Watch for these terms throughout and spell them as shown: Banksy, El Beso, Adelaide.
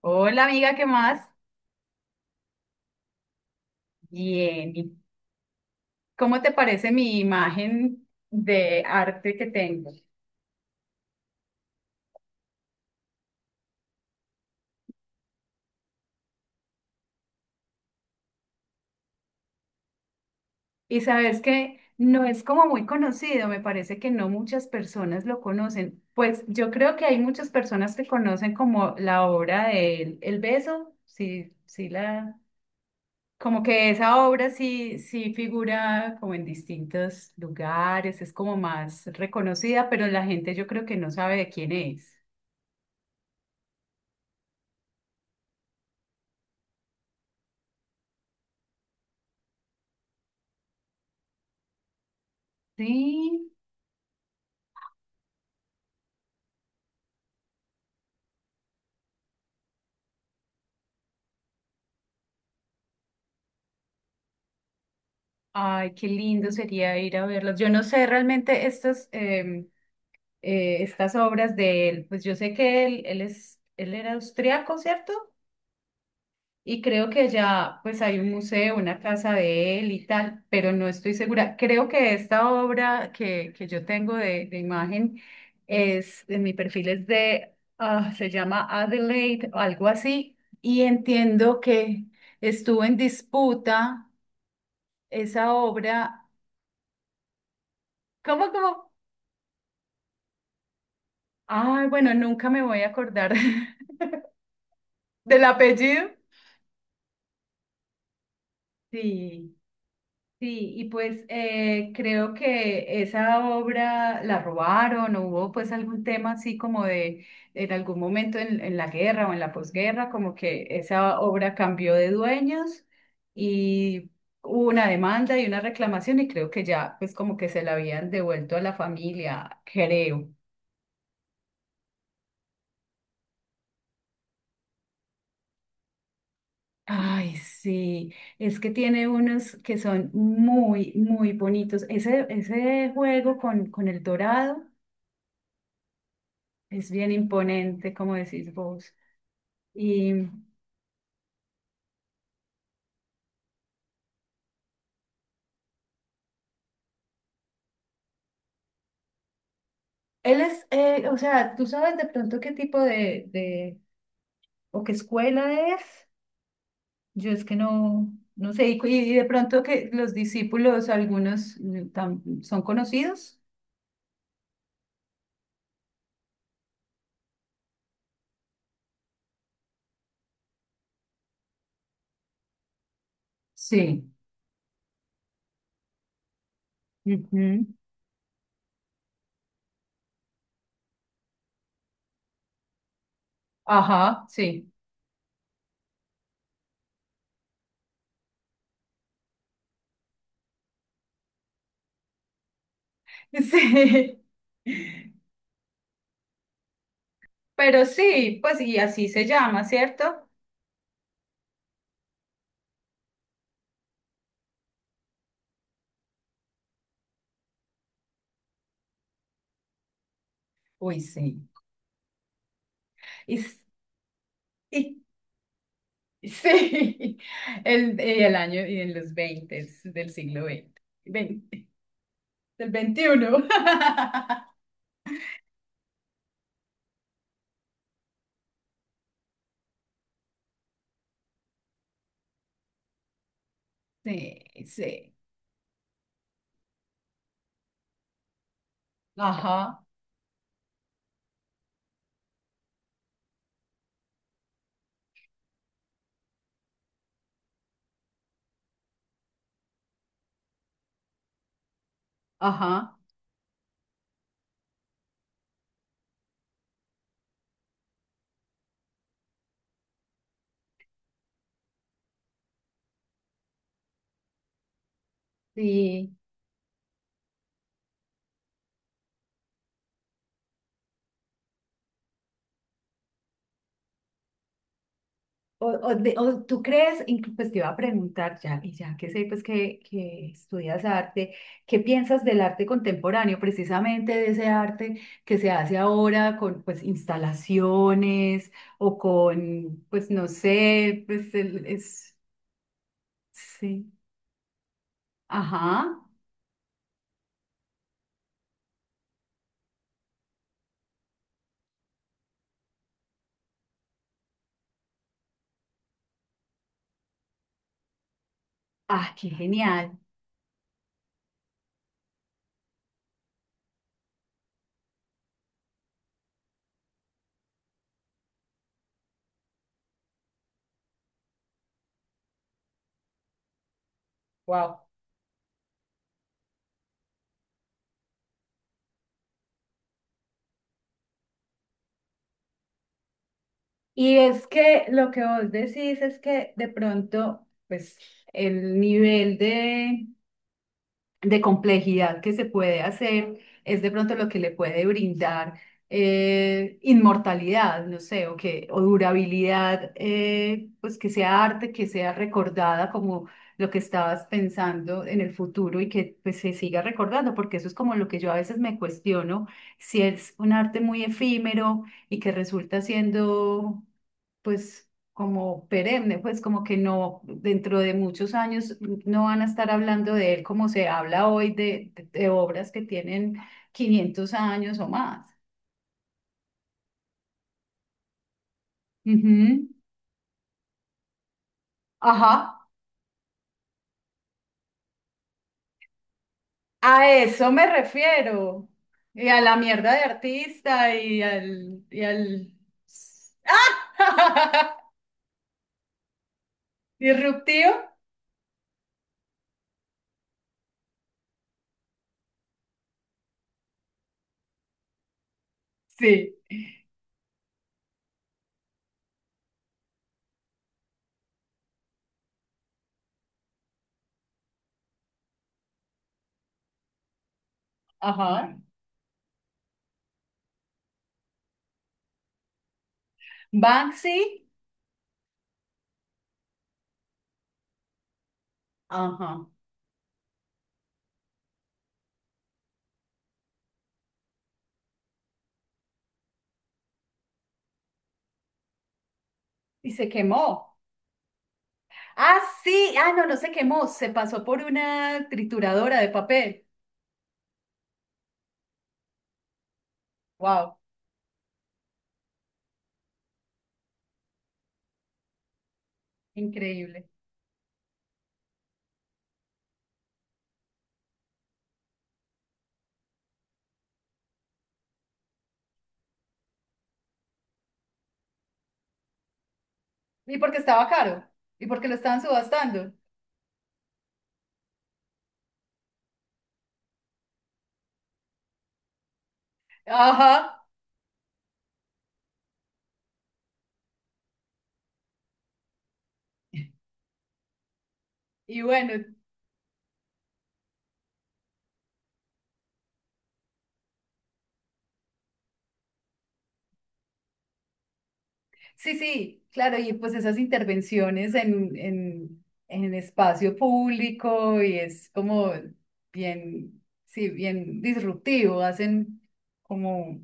Hola amiga, ¿qué más? Bien. ¿Y ¿cómo te parece mi imagen de arte que tengo? Y sabes que no es como muy conocido, me parece que no muchas personas lo conocen. Pues yo creo que hay muchas personas que conocen como la obra de el Beso, sí, sí como que esa obra sí, sí figura como en distintos lugares, es como más reconocida, pero la gente yo creo que no sabe de quién es. Sí. Ay, qué lindo sería ir a verlos. Yo no sé realmente estas obras de él, pues yo sé que él es, él era austriaco, ¿cierto? Y creo que ya pues hay un museo, una casa de él y tal, pero no estoy segura. Creo que esta obra que yo tengo de imagen es, en mi perfil es de, ah, se llama Adelaide, o algo así, y entiendo que estuvo en disputa esa obra. ¿Cómo, cómo? Ay, bueno, nunca me voy a acordar del apellido. Sí, sí, y pues creo que esa obra la robaron o hubo pues algún tema así como de en algún momento en la guerra o en la posguerra, como que esa obra cambió de dueños y hubo una demanda y una reclamación y creo que ya pues como que se la habían devuelto a la familia, creo. Ay, sí, es que tiene unos que son muy, muy bonitos. Ese juego con el dorado es bien imponente, como decís vos. Y él es, o sea, ¿tú sabes de pronto qué tipo de o qué escuela es? Yo es que no, no sé, y, y de pronto que los discípulos, algunos son conocidos. Sí. Ujú. Ajá, sí. Sí. Pero sí, pues y así se llama, ¿cierto? Uy, sí. Y, s- y- sí, el, y el año y en los veinte del siglo 20 20 del veintiuno Sí, sí. Ajá, ajá. Sí. O, o tú crees, pues te iba a preguntar ya, y ya que sé pues que estudias arte, ¿qué piensas del arte contemporáneo, precisamente de ese arte que se hace ahora con pues instalaciones o con, pues no sé, pues es, sí, ajá, ah, qué genial, wow. Y es que lo que vos decís es que de pronto, pues el nivel de complejidad que se puede hacer es de pronto lo que le puede brindar inmortalidad, no sé, o que, o durabilidad, pues que sea arte, que sea recordada como lo que estabas pensando en el futuro y que pues, se siga recordando, porque eso es como lo que yo a veces me cuestiono, si es un arte muy efímero y que resulta siendo pues como perenne, pues como que no, dentro de muchos años no van a estar hablando de él como se habla hoy de obras que tienen 500 años o más. Ujú. Ajá, a eso me refiero. Y a la mierda de artista y al... Y al... ¿Disruptivo? Sí. Ajá. Banksy. Ajá. Y se quemó. Ah, sí, ah, no, no se quemó, se pasó por una trituradora de papel. Wow, increíble. Y porque estaba caro, y porque lo estaban subastando. Ajá. Y bueno, sí, sí, claro, y pues esas intervenciones en espacio público y es como bien, sí, bien disruptivo, hacen como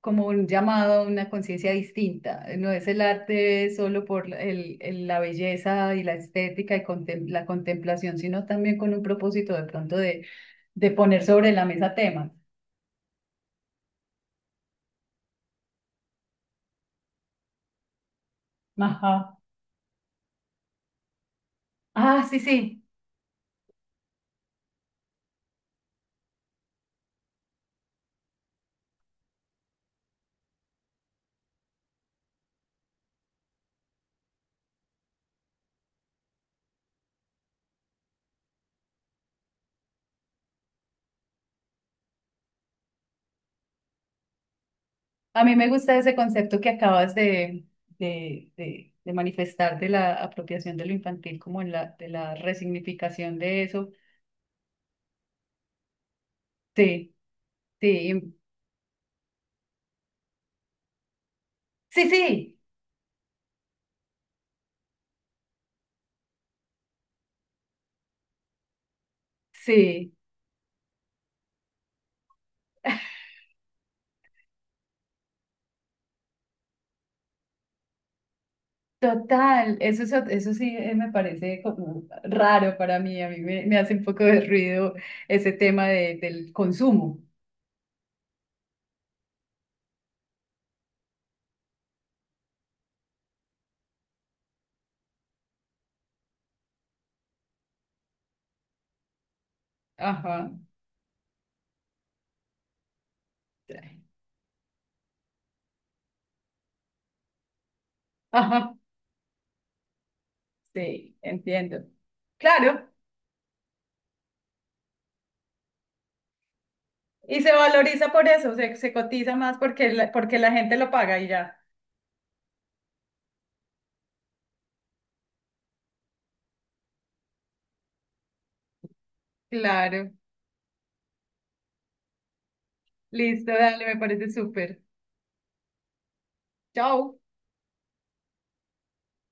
como un llamado a una conciencia distinta. No es el arte solo por la belleza y la estética y la contemplación, sino también con un propósito de pronto de poner sobre la mesa temas. Ajá. Ah, sí, sí. A mí me gusta ese concepto que acabas de manifestar de la apropiación de lo infantil, como en la, de la resignificación de eso. Sí, sí, sí, sí, sí. Total, eso, es eso sí me parece como raro para mí, a mí me hace un poco de ruido ese tema de, del consumo. Ajá, ajá, sí, entiendo. Claro, y se valoriza por eso, se cotiza más porque la gente lo paga y ya. Claro, listo, dale, me parece súper. Chao.